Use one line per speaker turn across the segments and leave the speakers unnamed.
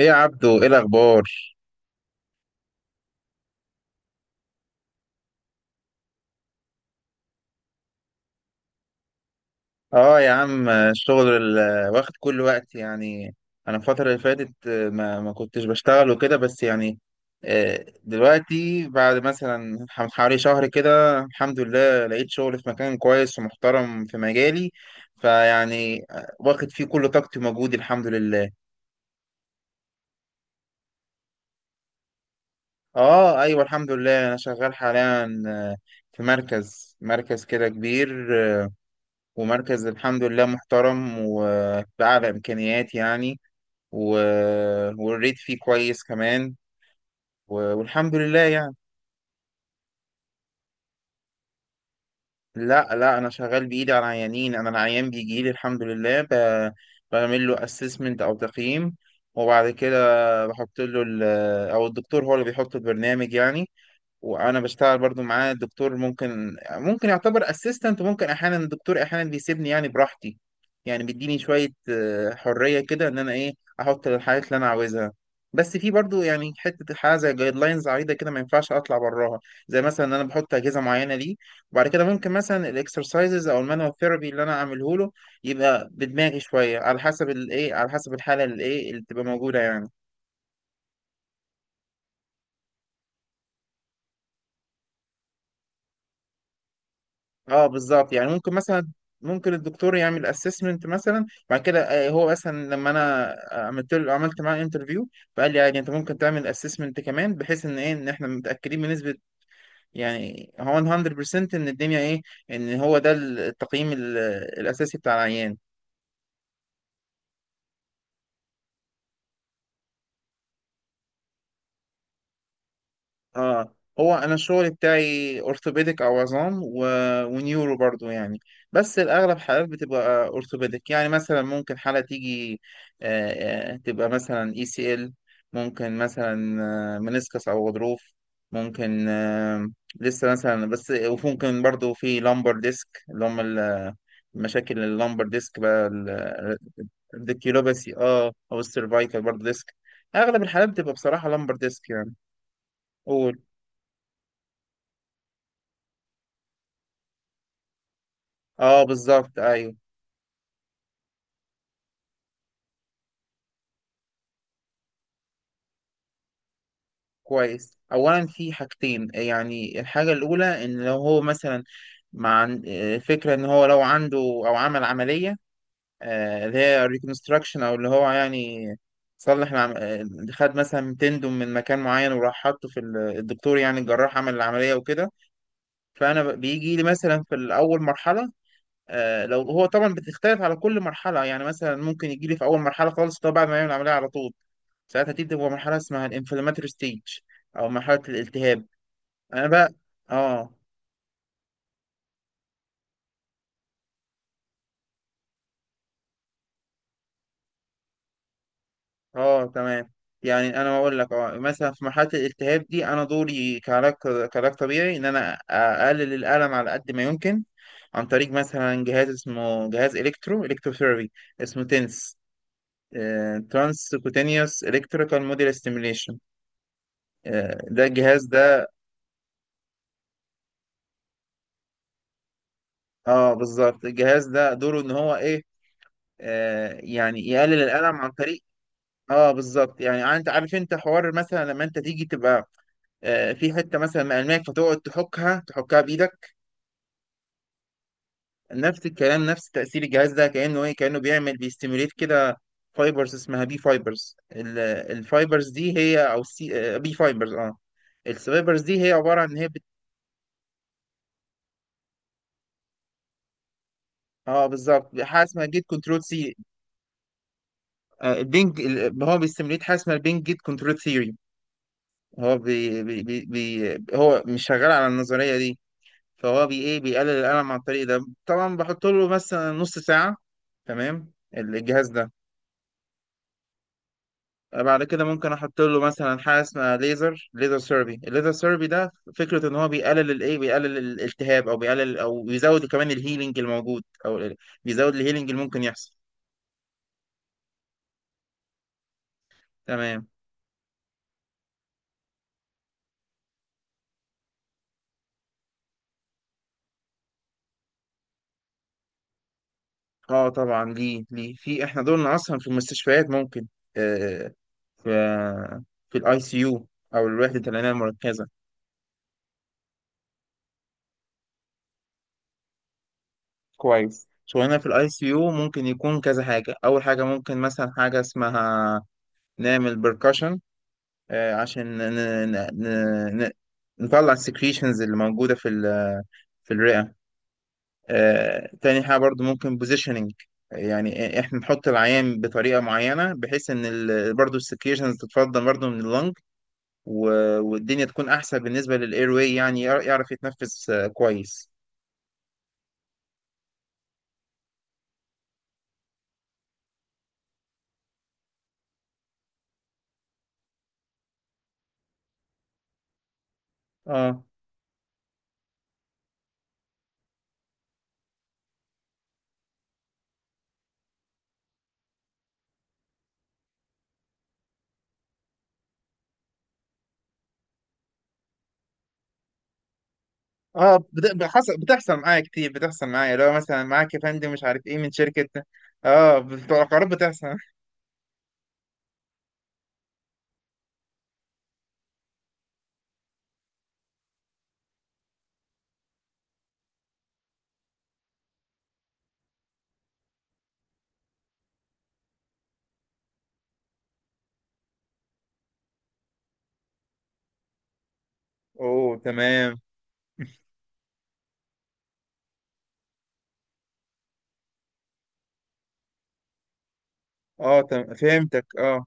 ايه يا عبدو؟ ايه الاخبار؟ اه يا عم، واخد كل وقت يعني. انا الفتره اللي فاتت، ما كنتش بشتغل وكده بس يعني. دلوقتي بعد مثلا حوالي شهر كده الحمد لله لقيت شغل في مكان كويس ومحترم في مجالي. فيعني واخد فيه كل طاقتي ومجهودي الحمد لله. اه ايوه الحمد لله انا شغال حاليا، في مركز كده كبير. ومركز الحمد لله محترم وبأعلى إمكانيات يعني. و... والريت فيه كويس كمان. والحمد لله يعني. لا، أنا شغال بإيدي على العيانين. أنا العيان بيجي لي الحمد لله، بعمل له أسسمنت أو تقييم. وبعد كده بحط له ال... أو الدكتور هو اللي بيحط البرنامج يعني. وانا بشتغل برضو معاه الدكتور، ممكن يعتبر اسيستنت، وممكن احيانا الدكتور احيانا بيسيبني يعني براحتي. يعني بيديني شوية حرية كده ان انا ايه، احط الحاجات اللي انا عاوزها. بس في برضو يعني حتة حاجة زي جايد لاينز عريضة كده ما ينفعش اطلع براها. زي مثلا ان انا بحط اجهزة معينة ليه. وبعد كده ممكن مثلا الاكسرسايزز او المانوال ثيرابي اللي انا اعمله له، يبقى بدماغي شوية على حسب الايه، على حسب الحالة اللي ايه اللي تبقى موجودة يعني. اه بالظبط يعني ممكن مثلا، الدكتور يعمل اسسمنت مثلا بعد كده. هو مثلا لما انا، عملت معاه انترفيو، فقال لي عادي انت ممكن تعمل اسسمنت كمان بحيث ان ايه، ان احنا متاكدين بنسبه يعني هو 100% ان الدنيا ايه، ان هو ده الاساسي بتاع العيان. اه هو انا الشغل بتاعي اورثوبيديك او عظام، ونيورو برضو يعني. بس الاغلب حالات بتبقى اورثوبيديك يعني. مثلا ممكن حالة تيجي تبقى مثلا اي سي ال. ممكن مثلا منسكس او غضروف. ممكن لسه مثلا بس. وممكن برضو في لامبر ديسك مشاكل اللامبر الديكيلوباسي، اه او السيرفايكال برضو ديسك. اغلب الحالات بتبقى بصراحة لامبر ديسك يعني. قول. اه بالظبط ايوه. كويس، اولا في حاجتين يعني. الحاجه الاولى ان لو هو مثلا مع فكره ان هو لو عنده او عمل عمليه اللي هي ريكونستراكشن او اللي هو يعني صلح العم... آه، خد مثلا تندم من مكان معين وراح حطه في الدكتور يعني الجراح عمل العمليه وكده. فانا بيجي لي مثلا في الاول مرحله. لو هو طبعا بتختلف على كل مرحله يعني. مثلا ممكن يجي لي في اول مرحله خالص طبعا بعد ما يعمل العمليه على طول. ساعتها دي بتبقى مرحلة اسمها الانفلاماتوري ستيج، أو مرحلة الالتهاب. أنا بقى آه تمام. يعني أنا بقول لك، آه مثلا في مرحلة الالتهاب دي أنا دوري كعلاج، كعلاج طبيعي إن أنا أقلل الألم على قد ما يمكن، عن طريق مثلا جهاز اسمه جهاز إلكتروثيرابي اسمه تنس، ترانس كوتينيوس إلكتريكال موديل ستيميليشن. ده الجهاز ده. آه بالظبط. الجهاز ده دوره إن هو إيه، يعني يقلل الألم عن طريق. اه بالظبط. يعني انت عارف انت حوار مثلا لما انت تيجي تبقى في حته مثلا مقلماك فتقعد تحكها بايدك. نفس الكلام، نفس تاثير الجهاز ده كانه ايه، كانه بيعمل بيستيموليت كده فايبرز اسمها بي فايبرز. الفايبرز دي هي او سي بي فايبرز. اه الفايبرز دي هي عباره عن ان هي اه بالظبط، حاجه اسمها جيت كنترول سي. هو بيستيموليت حاجه اسمها البينج جيت كنترول ثيوري. هو هو مش شغال على النظريه دي. فهو بي ايه، بيقلل الألم عن طريق ده. طبعا بحط له مثلا نص ساعة، تمام، الجهاز ده. بعد كده ممكن احط له مثلا حاجه اسمها ليزر سيربي. الليزر سيربي ده فكره ان هو بيقلل الايه، بيقلل الالتهاب او بيقلل او بيزود كمان الهيلينج الموجود، او بيزود الهيلينج اللي ممكن يحصل. تمام. اه طبعا ليه، في احنا دول اصلا في المستشفيات ممكن آه في آه، في الاي سي يو، او الوحده العنايه المركزه. كويس، شغلنا في الاي سي يو ممكن يكون كذا حاجه. اول حاجه ممكن مثلا حاجه اسمها نعمل بركشن عشان ن... ن... ن... نطلع السكريشنز اللي موجوده في في الرئه. تاني حاجه برضو ممكن بوزيشننج، يعني احنا نحط العيان بطريقه معينه بحيث ان برضو السكريشنز تتفضل برضو من اللنج. و... والدنيا تكون احسن بالنسبه للاير واي، يعني يعرف يتنفس كويس. اه اه بتحصل معايا كتير. بتحصل معايا لو مثلا معاك يا فندم مش عارف ايه من شركة. اه بتوع القرارات بتحصل. اوه تمام. اه فهمتك اه.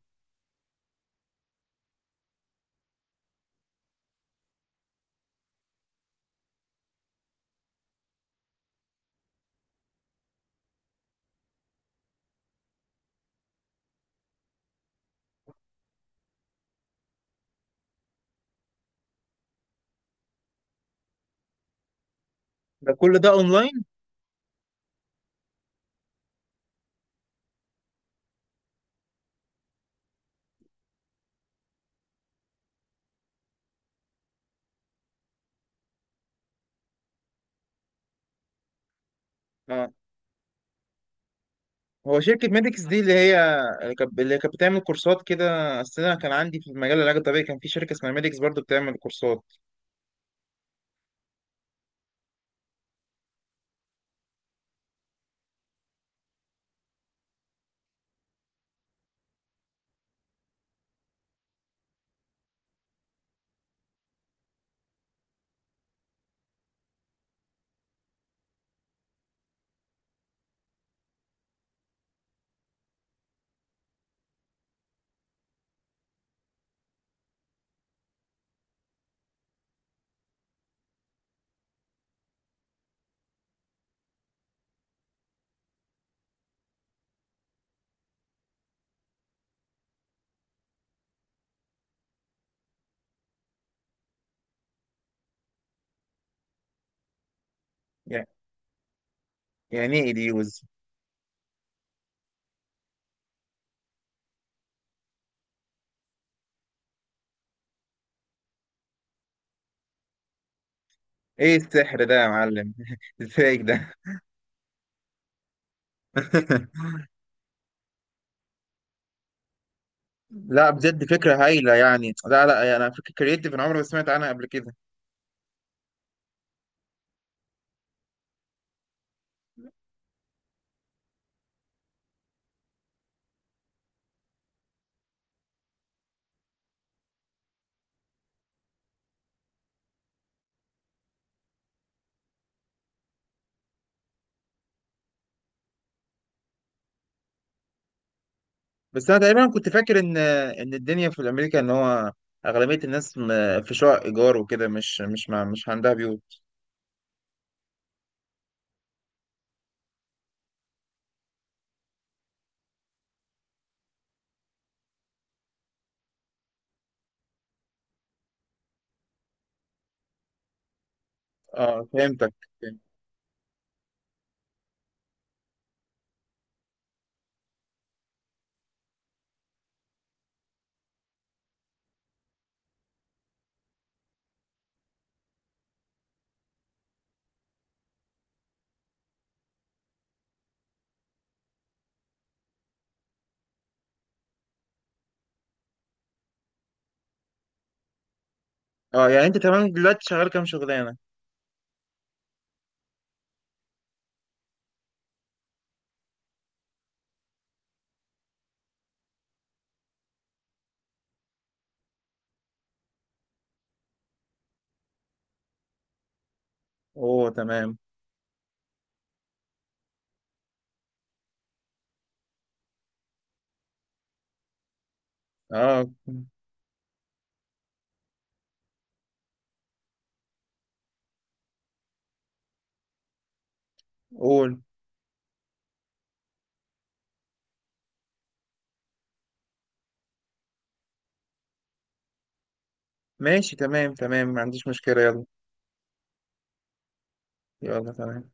ده كل ده اونلاين؟ اه هو شركة ميديكس دي اللي هي، اللي كانت بتعمل كورسات كده؟ اصل انا كان عندي في مجال العلاج الطبيعي كان في شركة اسمها ميديكس برضو بتعمل كورسات. يعني يعني ايه ديوز؟ ايه السحر ده يا معلم؟ الفايك ده. لا بجد فكرة هايلة يعني، لا يعني فكرة كرييتيف انا عمري ما سمعت عنها قبل كده. بس انا تقريبا كنت فاكر ان ان الدنيا في امريكا ان هو اغلبيه الناس في شقق ايجار وكده، مش عندها بيوت. اه فهمتك. فهمت. اه يعني انت تمام دلوقتي شغال كام شغلانه؟ اوه تمام. اه قول. ماشي تمام ما عنديش مشكله، يلا. يلا تمام.